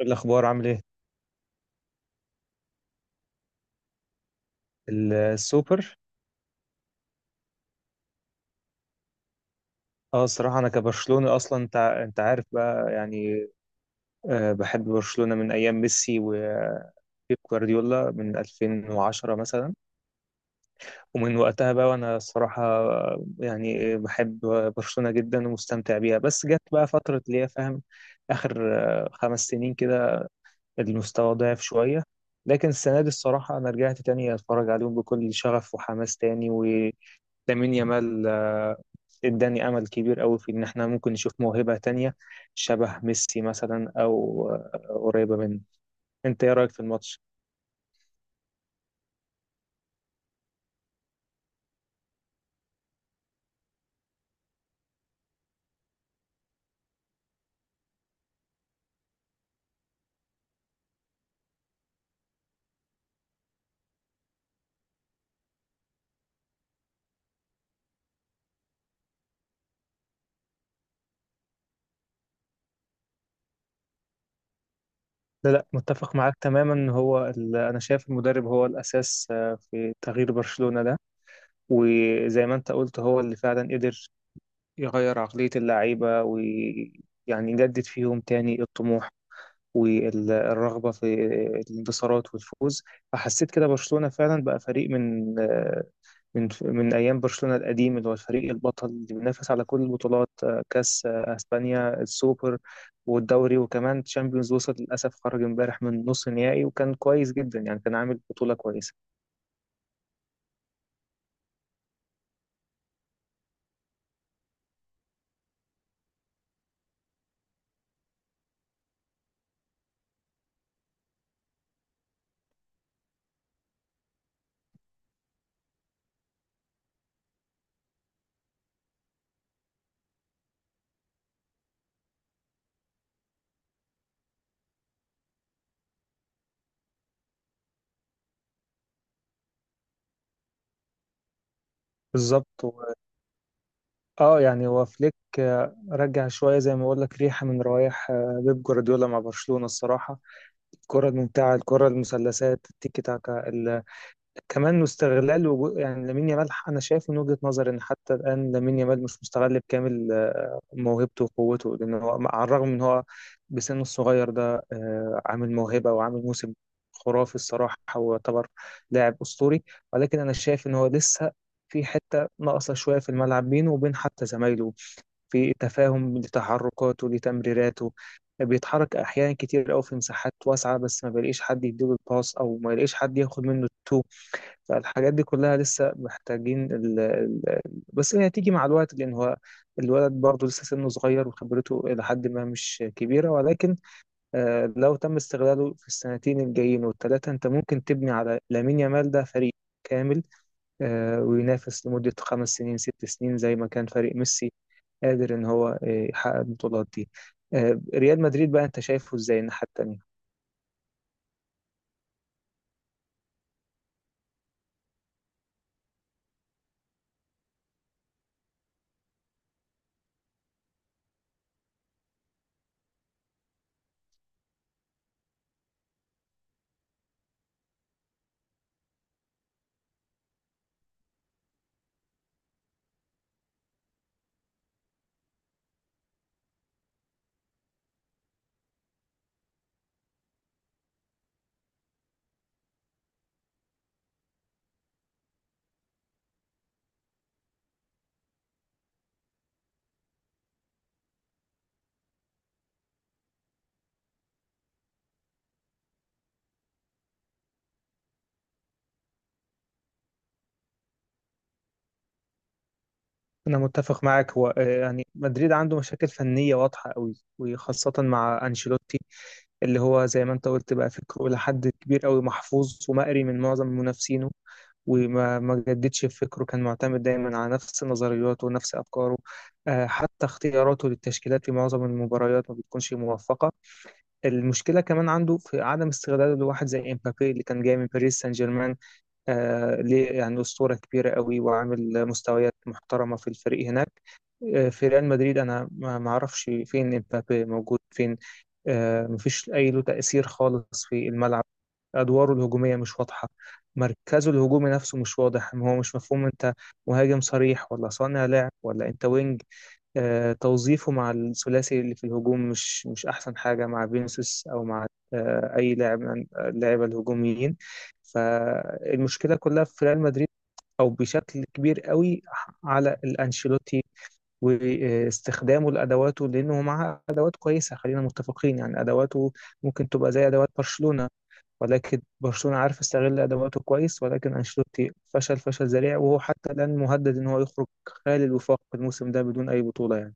الأخبار عامل إيه؟ السوبر. اه، الصراحة أنا كبرشلوني أصلا. أنت عارف بقى يعني. بحب برشلونة من أيام ميسي وبيب جوارديولا من 2010 مثلا، ومن وقتها بقى، وأنا الصراحة يعني بحب برشلونة جدا ومستمتع بيها. بس جت بقى فترة اللي هي فاهم، آخر 5 سنين كده، المستوى ضعف شوية. لكن السنة دي الصراحة أنا رجعت تاني أتفرج عليهم بكل شغف وحماس تاني. لامين يامال اداني امل كبير قوي في ان احنا ممكن نشوف موهبة تانية شبه ميسي مثلا، او قريبة منه. انت ايه رأيك في الماتش؟ لا، لا، متفق معاك تماما. هو انا شايف المدرب هو الاساس في تغيير برشلونة ده. وزي ما انت قلت هو اللي فعلا قدر يغير عقلية اللعيبة، ويعني يجدد فيهم تاني الطموح والرغبة في الانتصارات والفوز. فحسيت كده برشلونة فعلا بقى فريق من آه، من من أيام برشلونة القديم، اللي هو الفريق البطل اللي بينافس على كل البطولات: كأس أسبانيا، السوبر والدوري وكمان تشامبيونز. وصل للأسف، خرج امبارح من نص نهائي، وكان كويس جدا، يعني كان عامل بطولة كويسة. بالظبط. اه يعني هو فليك رجع شوية، زي ما بقول لك، ريحة من روايح بيب جوارديولا مع برشلونة الصراحة: الكرة الممتعة، الكرة المثلثات، التيكي تاكا، كمان استغلال، يعني لامين يامال. أنا شايف من وجهة نظري إن حتى الآن لامين يامال مش مستغل بكامل موهبته وقوته، لأن هو على الرغم من هو بسنه الصغير ده عامل موهبة وعامل موسم خرافي الصراحة، ويعتبر لاعب أسطوري. ولكن أنا شايف إن هو لسه في حتة ناقصة شوية في الملعب بينه وبين حتى زمايله في تفاهم لتحركاته لتمريراته. بيتحرك أحيانا كتير أوي في مساحات واسعة، بس ما بيلاقيش حد يديله الباص، أو ما يلاقيش حد ياخد منه التو. فالحاجات دي كلها لسه محتاجين بس هي هتيجي مع الوقت، لأن هو الولد برضه لسه سنه صغير وخبرته إلى حد ما مش كبيرة. ولكن لو تم استغلاله في السنتين الجايين والثلاثة، أنت ممكن تبني على لامين يامال ده فريق كامل وينافس لمدة 5 سنين 6 سنين زي ما كان فريق ميسي قادر إن هو يحقق البطولات دي. ريال مدريد بقى، أنت شايفه إزاي الناحية التانية؟ أنا متفق معاك. هو يعني مدريد عنده مشاكل فنية واضحة قوي، وخاصة مع أنشيلوتي اللي هو زي ما أنت قلت بقى فكره لحد كبير قوي محفوظ ومقري من معظم منافسينه، وما ما جددش في فكره، كان معتمد دايما على نفس نظرياته ونفس أفكاره. حتى اختياراته للتشكيلات في معظم المباريات ما بتكونش موفقة. المشكلة كمان عنده في عدم استغلاله لواحد زي إمبابي اللي كان جاي من باريس سان جيرمان. ليه يعني أسطورة كبيرة قوي وعامل مستويات محترمة في الفريق هناك. في ريال مدريد أنا ما أعرفش فين امبابي موجود فين. مفيش أي له تأثير خالص في الملعب. أدواره الهجومية مش واضحة، مركزه الهجومي نفسه مش واضح، هو مش مفهوم أنت مهاجم صريح ولا صانع لعب ولا أنت وينج. توظيفه مع الثلاثي اللي في الهجوم مش أحسن حاجة مع فينيسيوس أو مع أي لاعب من اللاعيبة الهجوميين. فالمشكلة كلها في ريال مدريد أو بشكل كبير قوي على الأنشيلوتي واستخدامه لأدواته، لأنه معاه أدوات كويسة. خلينا متفقين يعني أدواته ممكن تبقى زي أدوات برشلونة، ولكن برشلونة عارف يستغل أدواته كويس، ولكن أنشيلوتي فشل فشل ذريع، وهو حتى الآن مهدد إن هو يخرج خالي الوفاق الموسم ده بدون أي بطولة يعني.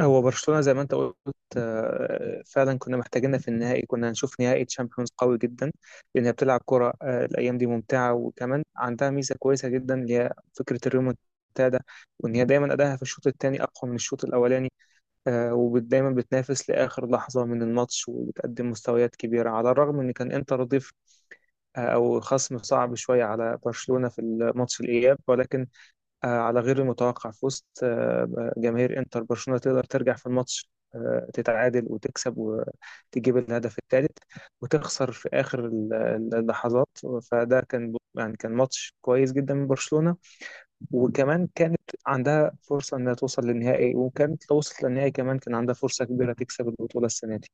هو برشلونة زي ما انت قلت فعلا كنا محتاجينها في النهائي، كنا هنشوف نهائي تشامبيونز قوي جدا، لأنها بتلعب كرة الأيام دي ممتعة. وكمان عندها ميزة كويسة جدا اللي هي فكرة الريمونتادا، وإن هي دايما أداها في الشوط الثاني أقوى من الشوط الأولاني، ودايما بتنافس لآخر لحظة من الماتش، وبتقدم مستويات كبيرة على الرغم إن كان إنتر ضيف أو خصم صعب شوية على برشلونة في الماتش الإياب. ولكن على غير المتوقع في وسط جماهير انتر، برشلونة تقدر ترجع في الماتش تتعادل وتكسب وتجيب الهدف الثالث، وتخسر في آخر اللحظات. فده كان يعني كان ماتش كويس جدا من برشلونة. وكمان كانت عندها فرصة إنها توصل للنهائي، وكانت لو وصلت للنهائي كمان كان عندها فرصة كبيرة تكسب البطولة السنة دي.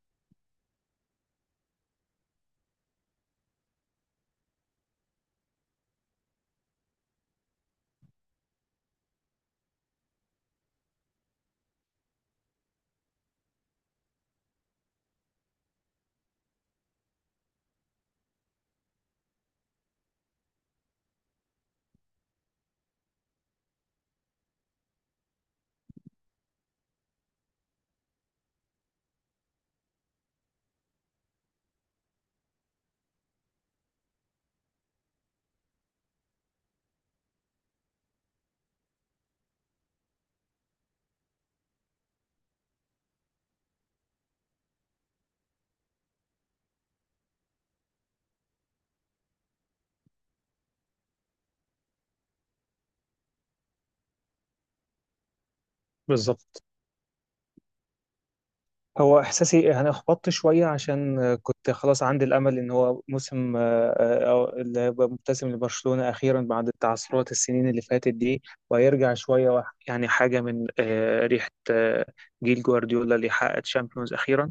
بالظبط. هو احساسي يعني احبطت شويه، عشان كنت خلاص عندي الامل ان هو موسم أو اللي هيبقى مبتسم لبرشلونه اخيرا بعد تعثرات السنين اللي فاتت دي، وهيرجع شويه يعني حاجه من ريحه جيل جوارديولا اللي حقق تشامبيونز اخيرا.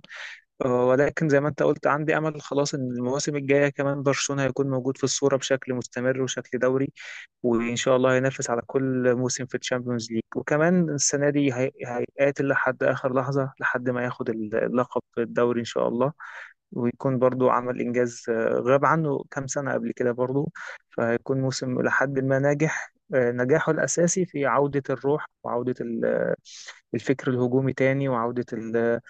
ولكن زي ما انت قلت عندي امل خلاص ان المواسم الجايه كمان برشلونه هيكون موجود في الصوره بشكل مستمر وشكل دوري، وإن شاء الله هينافس على كل موسم في الشامبيونز ليج. وكمان السنة دي هيقاتل لحد آخر لحظة لحد ما ياخد اللقب الدوري إن شاء الله، ويكون برضو عمل إنجاز غاب عنه كام سنة قبل كده برضو. فهيكون موسم لحد ما ناجح، نجاحه الأساسي في عودة الروح وعودة الفكر الهجومي تاني، وعودة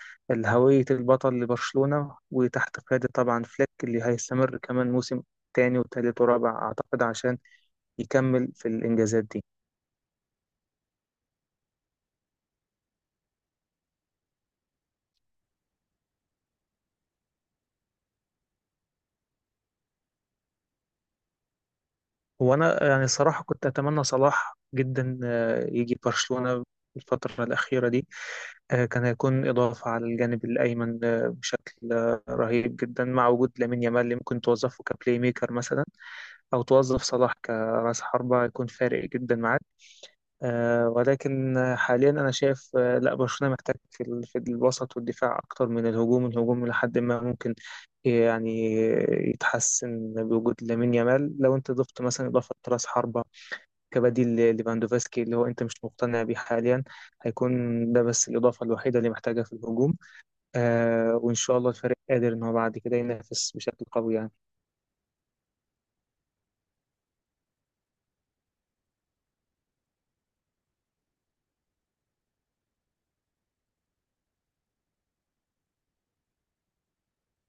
هوية البطل لبرشلونة، وتحت قيادة طبعا فليك اللي هيستمر كمان موسم تاني وتالت ورابع أعتقد، عشان يكمل في الإنجازات دي. هو أنا يعني الصراحة كنت أتمنى صلاح جدا يجي برشلونة الفترة الأخيرة دي. كان هيكون إضافة على الجانب الأيمن بشكل رهيب جدا، مع وجود لامين يامال اللي ممكن توظفه كبلاي ميكر مثلا، أو توظف صلاح كرأس حربة يكون فارق جدا معاه. ولكن حاليا انا شايف لا، برشلونه محتاج في الوسط والدفاع اكتر من الهجوم. الهجوم لحد ما ممكن يعني يتحسن بوجود لامين يامال، لو انت ضفت مثلا اضافه راس حربه كبديل ليفاندوفسكي اللي هو انت مش مقتنع بيه حاليا، هيكون ده بس الاضافه الوحيده اللي محتاجها في الهجوم. وان شاء الله الفريق قادر ان هو بعد كده ينافس بشكل قوي يعني.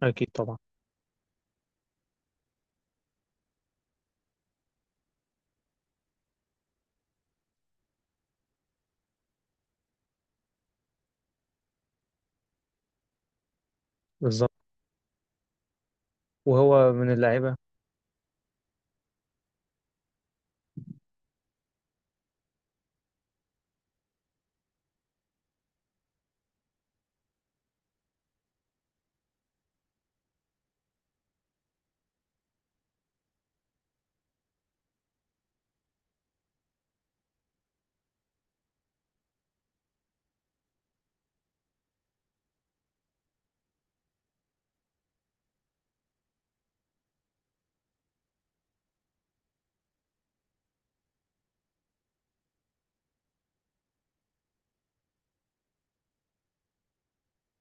اكيد طبعا. بالظبط. وهو من اللعيبه.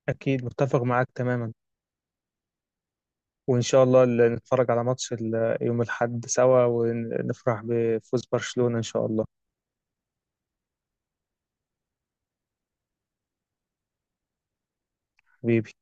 اكيد متفق معاك تماما، وإن شاء الله نتفرج على ماتش يوم الأحد سوا، ونفرح بفوز برشلونة إن شاء الله. حبيبي.